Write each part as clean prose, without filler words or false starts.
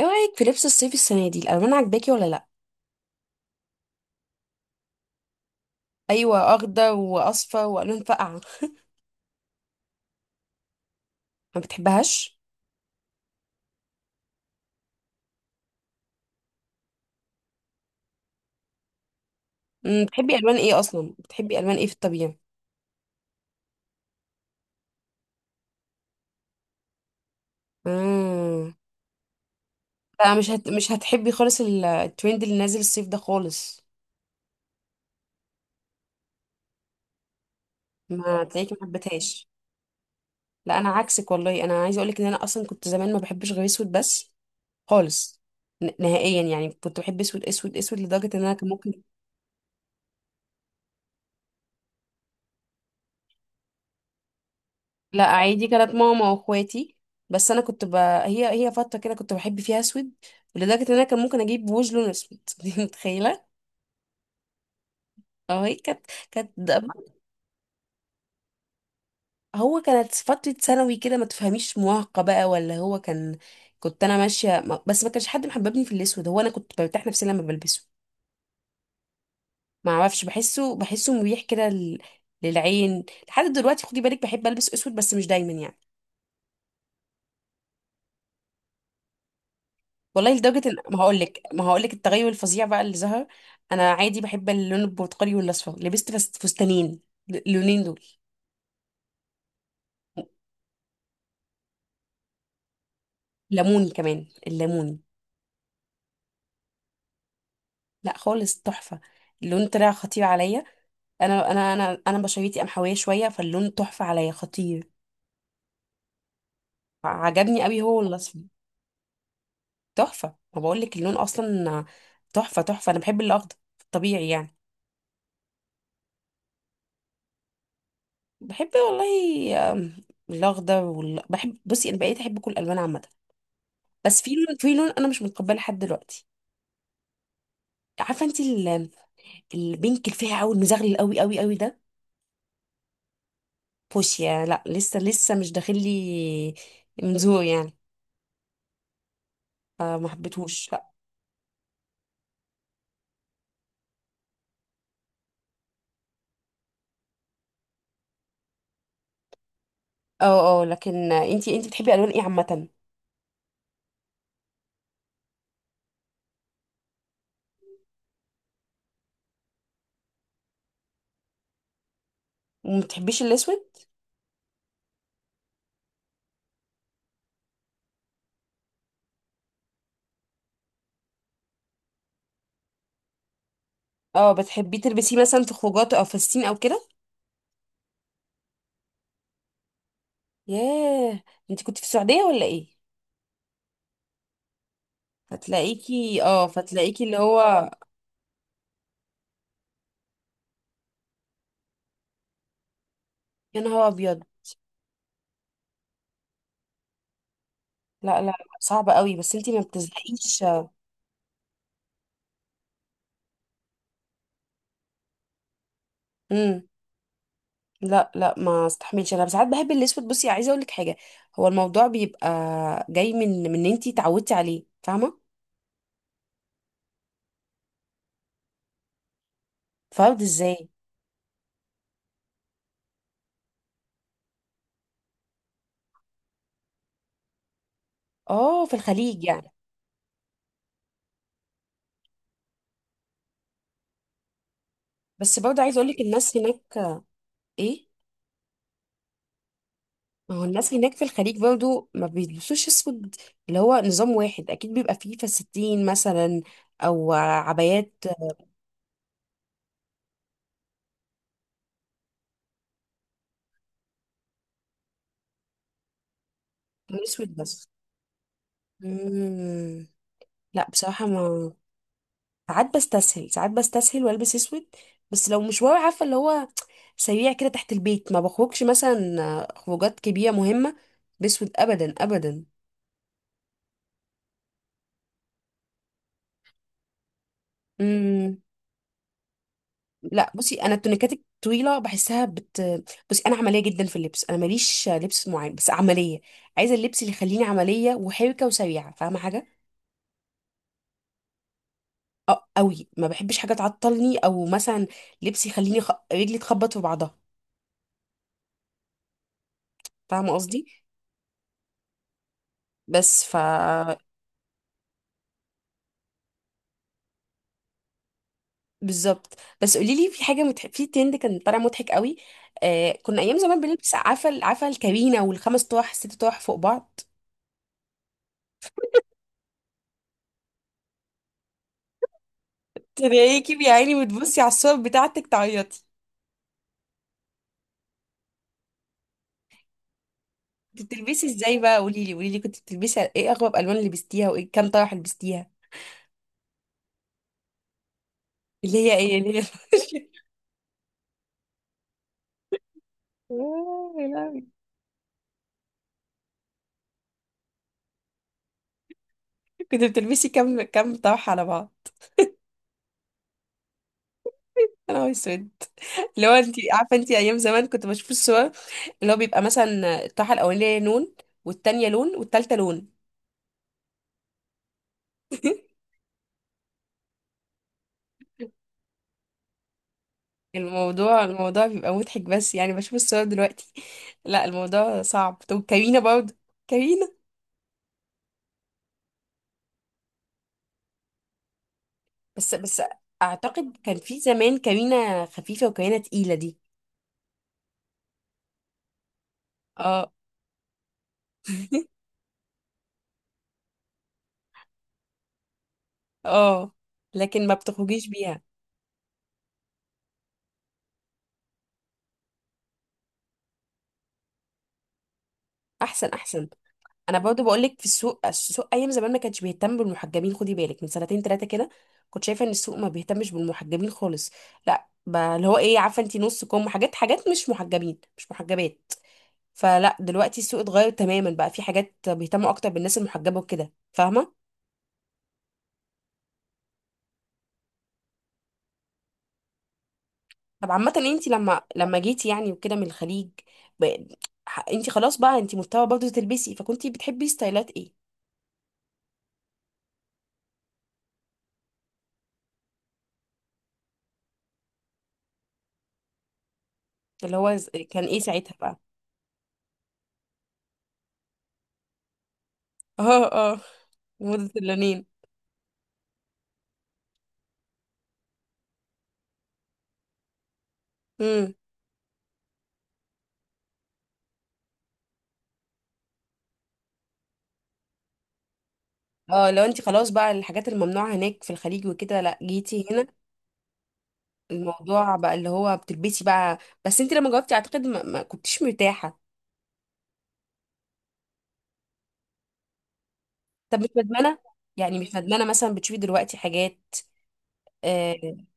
ايه رأيك في لبس الصيف السنة دي؟ الألوان عجباكي ولا لأ؟ أيوة، أخضر وأصفر وألوان فاقعة. ما بتحبهاش؟ مم، بتحبي ألوان ايه أصلا؟ بتحبي ألوان ايه في الطبيعة؟ مم. لا، مش هتحبي خالص الترند اللي نازل الصيف ده خالص. ما تلاقيكي ما حبتهاش. لا، أنا عكسك والله، أنا عايزة أقولك إن أنا أصلا كنت زمان ما بحبش غير أسود بس، خالص. نهائيا يعني، كنت بحب أسود أسود أسود لدرجة إن أنا كان ممكن. لا، عادي، كانت ماما واخواتي. بس انا كنت هي فتره كده كنت بحب فيها اسود، لدرجه ان انا كان ممكن اجيب وش لون اسود، دي متخيله؟ اه، هي كانت هو كانت فتره ثانوي كده، ما تفهميش، مراهقه بقى ولا هو كان. كنت انا ماشيه بس ما كانش حد محببني في الاسود، هو انا كنت برتاح نفسي لما بلبسه. ما اعرفش، بحسه مريح كده للعين. لحد دلوقتي خدي بالك، بحب البس اسود بس مش دايما يعني. والله لدرجة ان ما هقولك، التغير الفظيع بقى اللي ظهر. انا عادي بحب اللون البرتقالي والاصفر، لبست بس فستانين اللونين دول. ليموني كمان، الليموني. لا خالص، تحفة، اللون طلع خطير عليا. انا بشرتي قمحوية شوية، فاللون تحفة عليا، خطير. عجبني قوي هو الاصفر. تحفة، ما بقولك اللون اصلا تحفة تحفة. انا بحب الاخضر، طبيعي يعني. بحب والله، الاخضر بحب، بصي، انا بقيت احب كل الالوان عامة، بس في لون، في لون، انا مش متقبله لحد دلوقتي. عارفه انت البينك الفاقع قوي المزغلل قوي قوي قوي ده. فوشيا، لا لسه لسه مش داخل لي من ذوق يعني، فما حبيتهوش، لا. اه اه، لكن انت بتحبي الوان ايه عامه؟ وما بتحبيش الاسود؟ اه، بتحبيه تلبسيه مثلا في خروجات او فساتين او كده؟ ياه، انت كنت في السعوديه ولا ايه؟ فتلاقيكي اه، فتلاقيكي اللي هو، يا نهار ابيض، لا لا لا، صعب قوي. بس انت ما بتزهقيش؟ امم، لا لا ما استحملش. انا ساعات بحب الاسود، بصي عايزه اقول لك حاجه، هو الموضوع بيبقى جاي من ان انتي اتعودتي عليه، فاهمه؟ فرد ازاي؟ اه، في الخليج يعني. بس برضه عايزه اقول لك، الناس هناك، ايه، ما هو الناس هناك في الخليج برضه ما بيلبسوش اسود، اللي هو نظام واحد، اكيد بيبقى فيه فساتين مثلا او عبايات. اسود بس. مم. لا بصراحه ما، ساعات بستسهل، ساعات بستسهل، والبس اسود، بس لو مشوار، عارفه اللي هو، سريع كده تحت البيت، ما بخرجش مثلا خروجات كبيرة مهمة بسود أبدا أبدا. مم. لا بصي، أنا التونيكات الطويلة بحسها بت، بصي أنا عملية جدا في اللبس، أنا ماليش لبس معين بس عملية، عايزة اللبس اللي يخليني عملية وحركة وسريعة، فاهمة حاجة؟ أه أوي، ما بحبش حاجة تعطلني، أو مثلا لبس يخليني رجلي تخبط في بعضها، فاهمة قصدي؟ بس ف، بالظبط. بس قولي لي، في حاجه في ترند كان طالع مضحك قوي، آه، كنا ايام زمان بنلبس عفا عفا الكابينه والخمس طواح الست طواح فوق بعض. تلاقيكي يا عيني بتبصي على الصور بتاعتك تعيطي. كنت بتلبسي ازاي بقى، قولي لي، كنت بتلبسي ايه، اغرب الوان اللي لبستيها، وايه كام طرح لبستيها؟ اللي هي ايه، اللي هي. آه، يا لهوي. كنت بتلبسي كام طرح على بعض؟ انا نهار اسود، اللي هو انت عارفه، انت ايام زمان كنت بشوف الصور، اللي هو بيبقى مثلا الطرحه الاولانيه لون، والتانيه لون، والتالته لون. الموضوع بيبقى مضحك بس يعني بشوف الصور دلوقتي. لا الموضوع صعب. طب كارينا برضه، كارينا، بس بس اعتقد كان في زمان كارينا خفيفة وكارينا تقيلة دي. اه. اه لكن ما بتخرجيش بيها. احسن احسن. انا برضه بقول لك، في السوق، السوق ايام زمان ما كانش بيهتم بالمحجبين، خدي بالك من سنتين ثلاثه كده، كنت شايفه ان السوق ما بيهتمش بالمحجبين خالص، لا ب- اللي هو ايه، عارفه انت، نص كم، حاجات، حاجات مش محجبين مش محجبات. فلا دلوقتي السوق اتغير تماما، بقى في حاجات بيهتموا اكتر بالناس المحجبه وكده، فاهمه؟ طب عامه انت لما جيتي يعني وكده من الخليج، ب، انت خلاص بقى، انت مضطره برضه تلبسي، فكنتي بتحبي ستايلات ايه؟ اللي هو كان ايه ساعتها بقى؟ اه اه، موضه اللونين. امم. اه، لو انت خلاص بقى، الحاجات الممنوعه هناك في الخليج وكده، لا جيتي هنا. الموضوع بقى اللي هو بتلبسي بقى. بس انت لما جاوبتي، اعتقد ما كنتيش مرتاحه. طب مش ندمانه؟ يعني مش ندمانه مثلا بتشوفي دلوقتي حاجات، آه،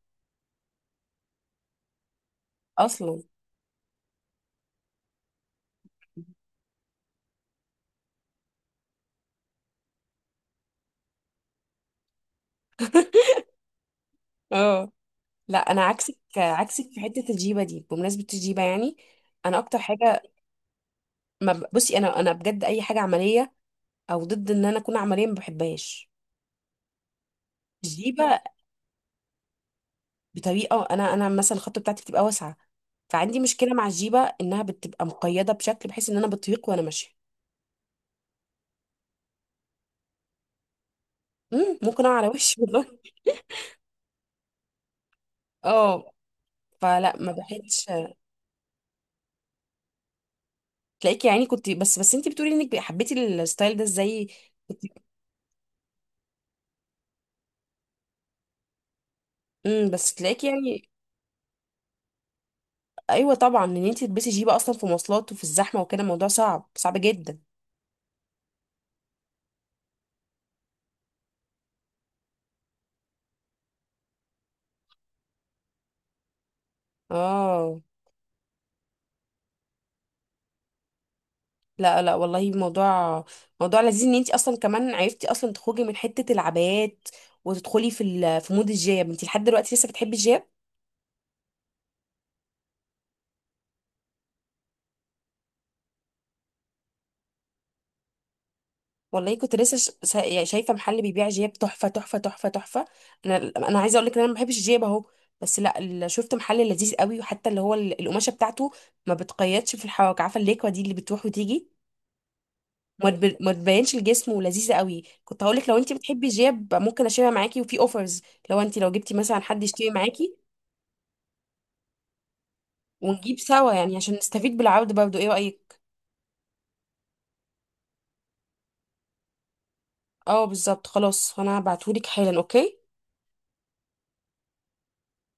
اصلا؟ اه. لا انا عكسك، عكسك، في حته الجيبه دي، بمناسبه الجيبه يعني، انا اكتر حاجه، ما ب... بصي انا، انا بجد اي حاجه عمليه او ضد ان انا اكون عمليه ما بحبهاش. الجيبه بطريقه، انا مثلا الخطه بتاعتي بتبقى واسعه، فعندي مشكله مع الجيبه انها بتبقى مقيده بشكل، بحيث ان انا بطيق وانا ماشيه، مم، ممكن اقع على وشي، والله. اه، فلا ما بحبش. تلاقيكي يعني، كنت بس بس انت بتقولي انك حبيتي الستايل ده ازاي؟ كنت، امم، بس تلاقيكي يعني، ايوه طبعا، ان انت تلبسي جيبه اصلا في مواصلات وفي الزحمه وكده، الموضوع صعب صعب جدا. اه. لا لا والله، موضوع، موضوع لذيذ ان انت اصلا كمان عرفتي اصلا تخرجي من حته العبايات، وتدخلي في مود الجياب. انت لحد دلوقتي لسه بتحبي الجياب؟ والله كنت لسه يعني شايفه محل بيبيع جياب تحفه تحفه تحفه تحفه، انا عايزه اقول لك ان انا ما بحبش الجياب اهو، بس لا، شفت محل لذيذ قوي، وحتى اللي هو القماشه بتاعته ما بتقيدش في الحواك، عارفه الليكوا دي اللي بتروح وتيجي، ما تبينش الجسم ولذيذه قوي. كنت هقولك لو انت بتحبي جيب، ممكن اشيلها معاكي، وفي اوفرز، لو انت، لو جبتي مثلا حد يشتري معاكي ونجيب سوا، يعني عشان نستفيد بالعرض برضه، ايه رايك؟ اه بالظبط. خلاص انا هبعتهولك حالا. اوكي.